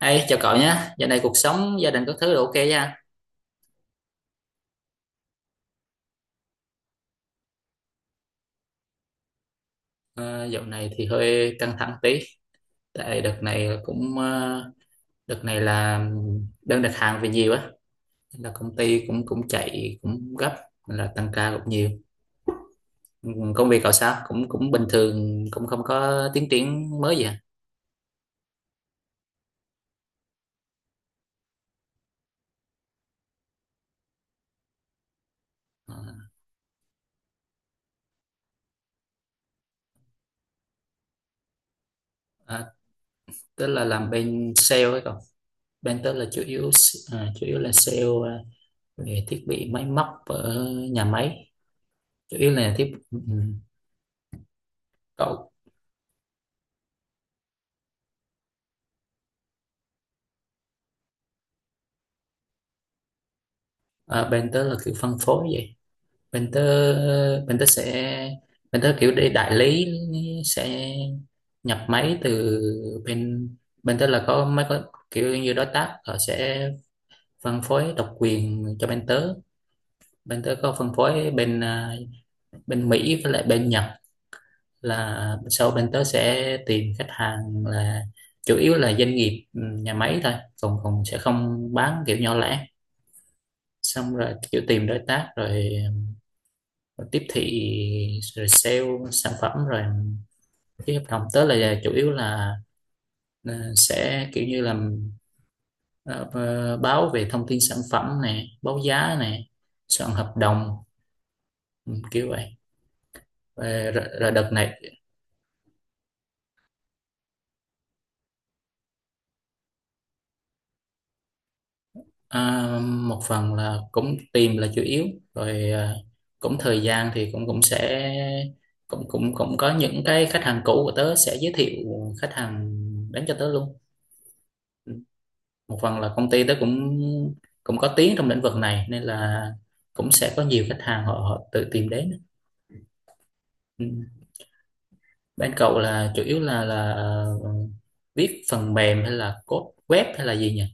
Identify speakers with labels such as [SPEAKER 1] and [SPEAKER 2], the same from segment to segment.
[SPEAKER 1] Hey, chào cậu nhé. Dạo này cuộc sống gia đình các thứ đều ok nha. Ờ, Dạo này thì hơi căng thẳng tí, tại đợt này cũng đợt này là đơn đặt hàng về nhiều á, nên là công ty cũng cũng chạy cũng gấp, nên là tăng ca cũng nhiều. Ừ, Công việc cậu sao? Cũng cũng bình thường, cũng không có tiến triển mới gì à? Ờ, à, Tức là làm bên sale ấy cậu. Bên tớ là chủ yếu chủ yếu là sale, về thiết bị máy móc ở nhà máy, chủ yếu là thiết. Ừ. Cậu, à, bên tớ là kiểu phân phối vậy. bên tớ bên tớ sẽ Bên tớ kiểu để đại lý sẽ nhập máy từ bên bên tớ. Là có mấy có kiểu như đối tác, họ sẽ phân phối độc quyền cho bên tớ. Bên tớ có phân phối bên, bên Mỹ với lại bên Nhật. Là sau bên tớ sẽ tìm khách hàng là chủ yếu là doanh nghiệp, nhà máy thôi, còn còn sẽ không bán kiểu nhỏ lẻ. Xong rồi kiểu tìm đối tác, rồi rồi tiếp thị, rồi sale sản phẩm, rồi ký hợp đồng. Tớ là chủ yếu là sẽ kiểu như làm, ờ, báo về thông tin sản phẩm nè, báo giá nè, soạn hợp đồng. Ừ, kiểu vậy. Rồi đợt này, ờ, một phần là cũng tìm là chủ yếu, rồi cũng thời gian thì cũng cũng sẽ cũng cũng cũng có những cái khách hàng cũ của tớ sẽ giới thiệu khách hàng đến cho tớ luôn. Ừ. Một phần là công ty tớ cũng cũng có tiếng trong lĩnh vực này, nên là cũng sẽ có nhiều khách hàng họ, họ tự tìm đến. Ừ. Bên cậu là chủ yếu là viết phần mềm hay là code web hay là gì nhỉ?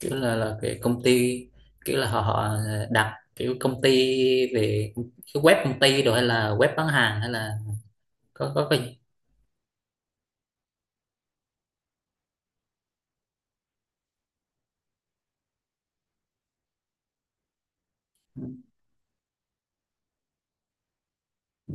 [SPEAKER 1] Kiểu là cái công ty kiểu là họ họ đặt kiểu công ty về cái web công ty, rồi hay là web bán hàng, hay là có cái gì. Ừ. Ừ.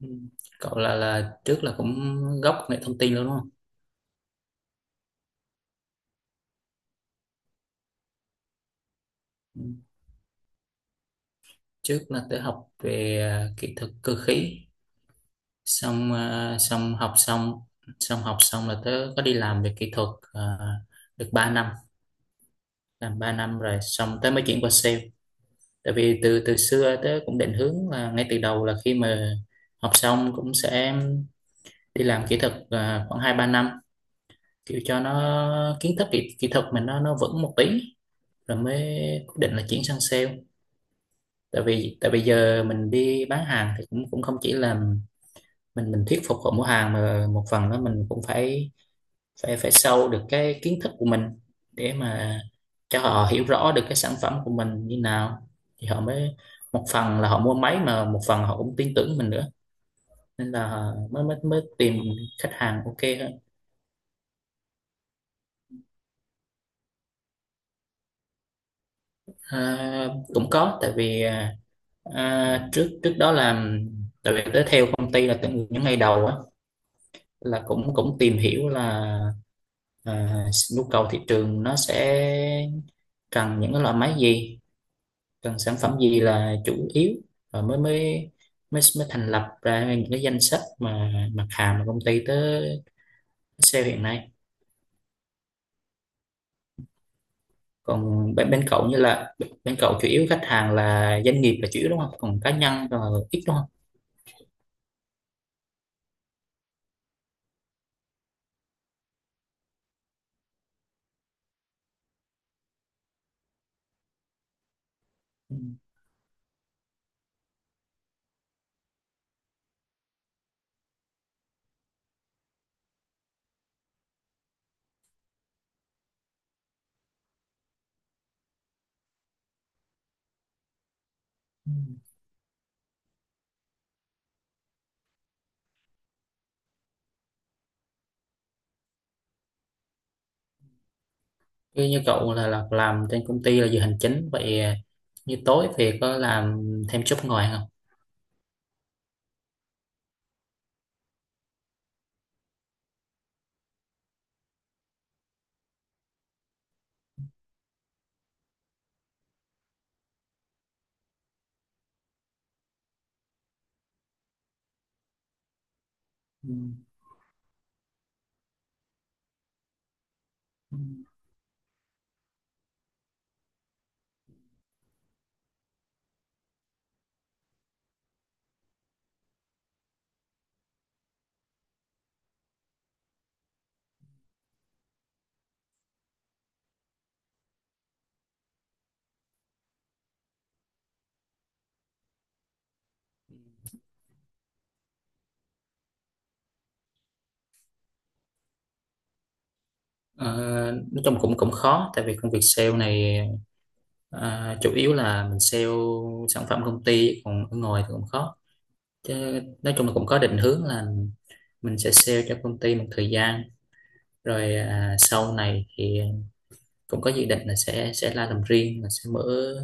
[SPEAKER 1] Ừ. Cậu là trước là cũng gốc nghệ thông tin luôn đúng không? Ừ. Trước là tớ học về, kỹ thuật cơ khí, xong, xong học xong là tớ có đi làm về kỹ thuật, à, được 3 năm. Làm 3 năm rồi xong tớ mới chuyển qua sale. Tại vì từ từ xưa tớ cũng định hướng là ngay từ đầu, là khi mà học xong cũng sẽ đi làm kỹ thuật khoảng 2 3 năm, kiểu cho nó kiến thức kỹ thuật mình nó vững một tí, rồi mới quyết định là chuyển sang sale. Tại vì tại bây giờ mình đi bán hàng thì cũng cũng không chỉ là mình thuyết phục họ mua hàng, mà một phần đó mình cũng phải phải phải sâu được cái kiến thức của mình, để mà cho họ hiểu rõ được cái sản phẩm của mình như nào. Thì họ mới, một phần là họ mua máy mà một phần họ cũng tin tưởng mình nữa, nên là mới mới mới tìm khách hàng ok hơn. À, cũng có, tại vì trước trước đó là tại vì tới theo công ty là từ những ngày đầu á, là cũng cũng tìm hiểu là à, nhu cầu thị trường nó sẽ cần những cái loại máy gì, cần sản phẩm gì là chủ yếu. Và mới mới mới mới thành lập ra những cái danh sách mà mặt hàng mà công ty tới sale hiện nay. Còn bên cậu như là bên cậu chủ yếu khách hàng là doanh nghiệp là chủ yếu đúng không, còn cá nhân là ít đúng không? Ừ. Ừ. Như như cậu là làm trên công ty là giờ hành chính vậy à, như tối thì có làm thêm job ngoài không? Ừ. Ừ. Ờ, nói chung cũng cũng khó tại vì công việc sale này, à, chủ yếu là mình sale sản phẩm công ty, còn ở ngoài thì cũng khó. Chứ nói chung là cũng có định hướng là mình sẽ sale cho công ty một thời gian, rồi sau này thì cũng có dự định là sẽ ra làm riêng, là sẽ mở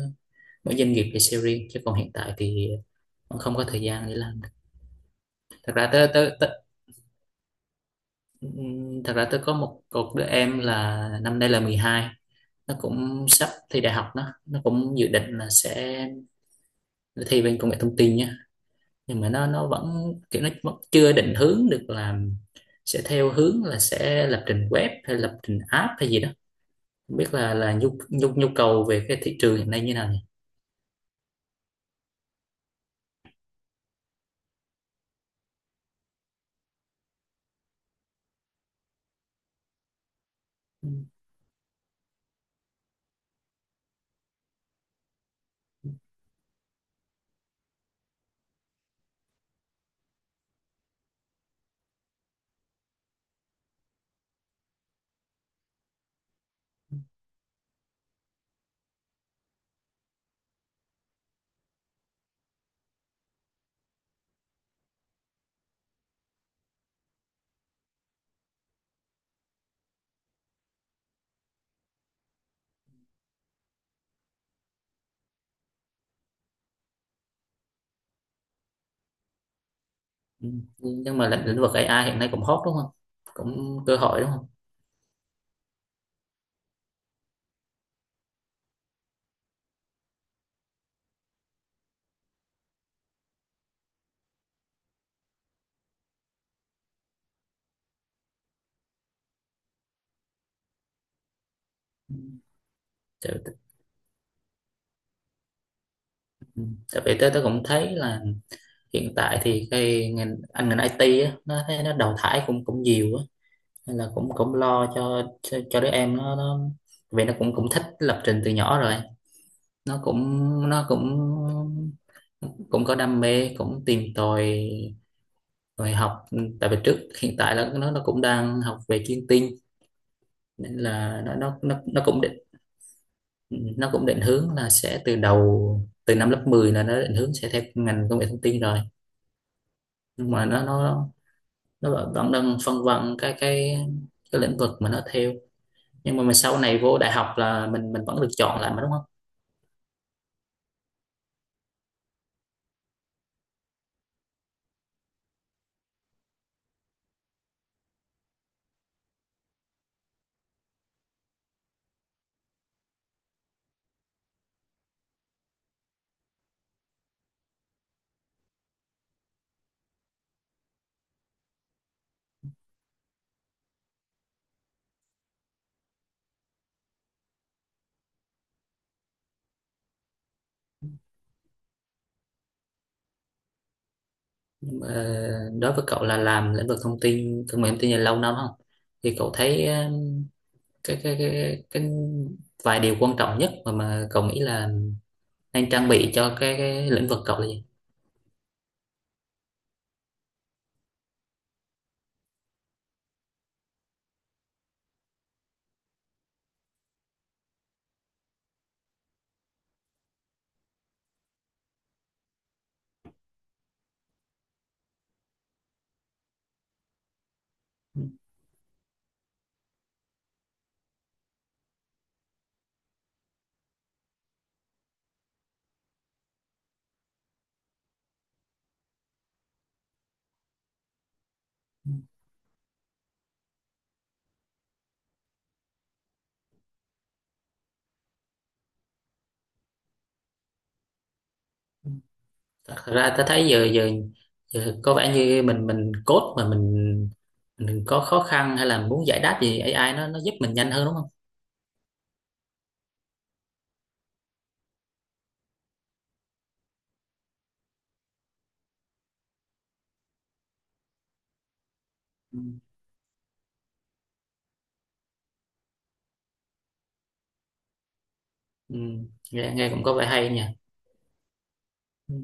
[SPEAKER 1] mở doanh nghiệp để sale riêng, chứ còn hiện tại thì cũng không có thời gian để làm. Thật ra tới tới, tới thật ra tới có một cột đứa em là năm nay là 12, nó cũng sắp thi đại học. Nó cũng dự định là sẽ thi bên công nghệ thông tin nhé. Nhưng mà nó vẫn kiểu nó vẫn chưa định hướng được là sẽ theo hướng là sẽ lập trình web hay lập trình app hay gì đó. Không biết là nhu nhu nhu cầu về cái thị trường hiện nay như nào nhỉ? Ừ, ừ. Nhưng mà lĩnh lĩnh vực AI hiện nay cũng hot đúng không, cũng cơ hội đúng không? Ừ. tại, ừ. Tại vì tôi cũng thấy là hiện tại thì cái ngành ngành IT á, nó thấy nó đào thải cũng cũng nhiều á, nên là cũng cũng lo cho cho đứa em. Nó Vì nó cũng cũng thích lập trình từ nhỏ rồi. Nó cũng nó cũng Cũng có đam mê, cũng tìm tòi rồi học. Tại vì trước hiện tại là nó cũng đang học về chiêm tinh, nên là nó cũng định hướng là sẽ từ năm lớp 10 là nó định hướng sẽ theo ngành công nghệ thông tin rồi. Nhưng mà nó nó vẫn vẫn đang phân vân cái lĩnh vực mà nó theo. Nhưng mà mình sau này vô đại học là mình vẫn được chọn lại mà đúng không? Ờ, đối với cậu là làm lĩnh vực thông tin công nghệ thông tin là lâu năm không, thì cậu thấy ờ, cái vài điều quan trọng nhất mà cậu nghĩ là nên trang bị cho cái lĩnh vực cậu là gì? Thật ra ta thấy giờ giờ giờ có vẻ như mình code mà mình có khó khăn hay là muốn giải đáp gì, AI nó giúp mình nhanh hơn đúng không? Ừ. Ừ. Nghe cũng có vẻ hay nha. Ừ.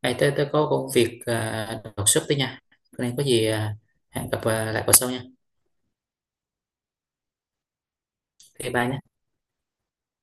[SPEAKER 1] Ê, tớ có công việc đột xuất tí nha, cái này có gì, hẹn gặp, lại vào sau nha. Thì bạn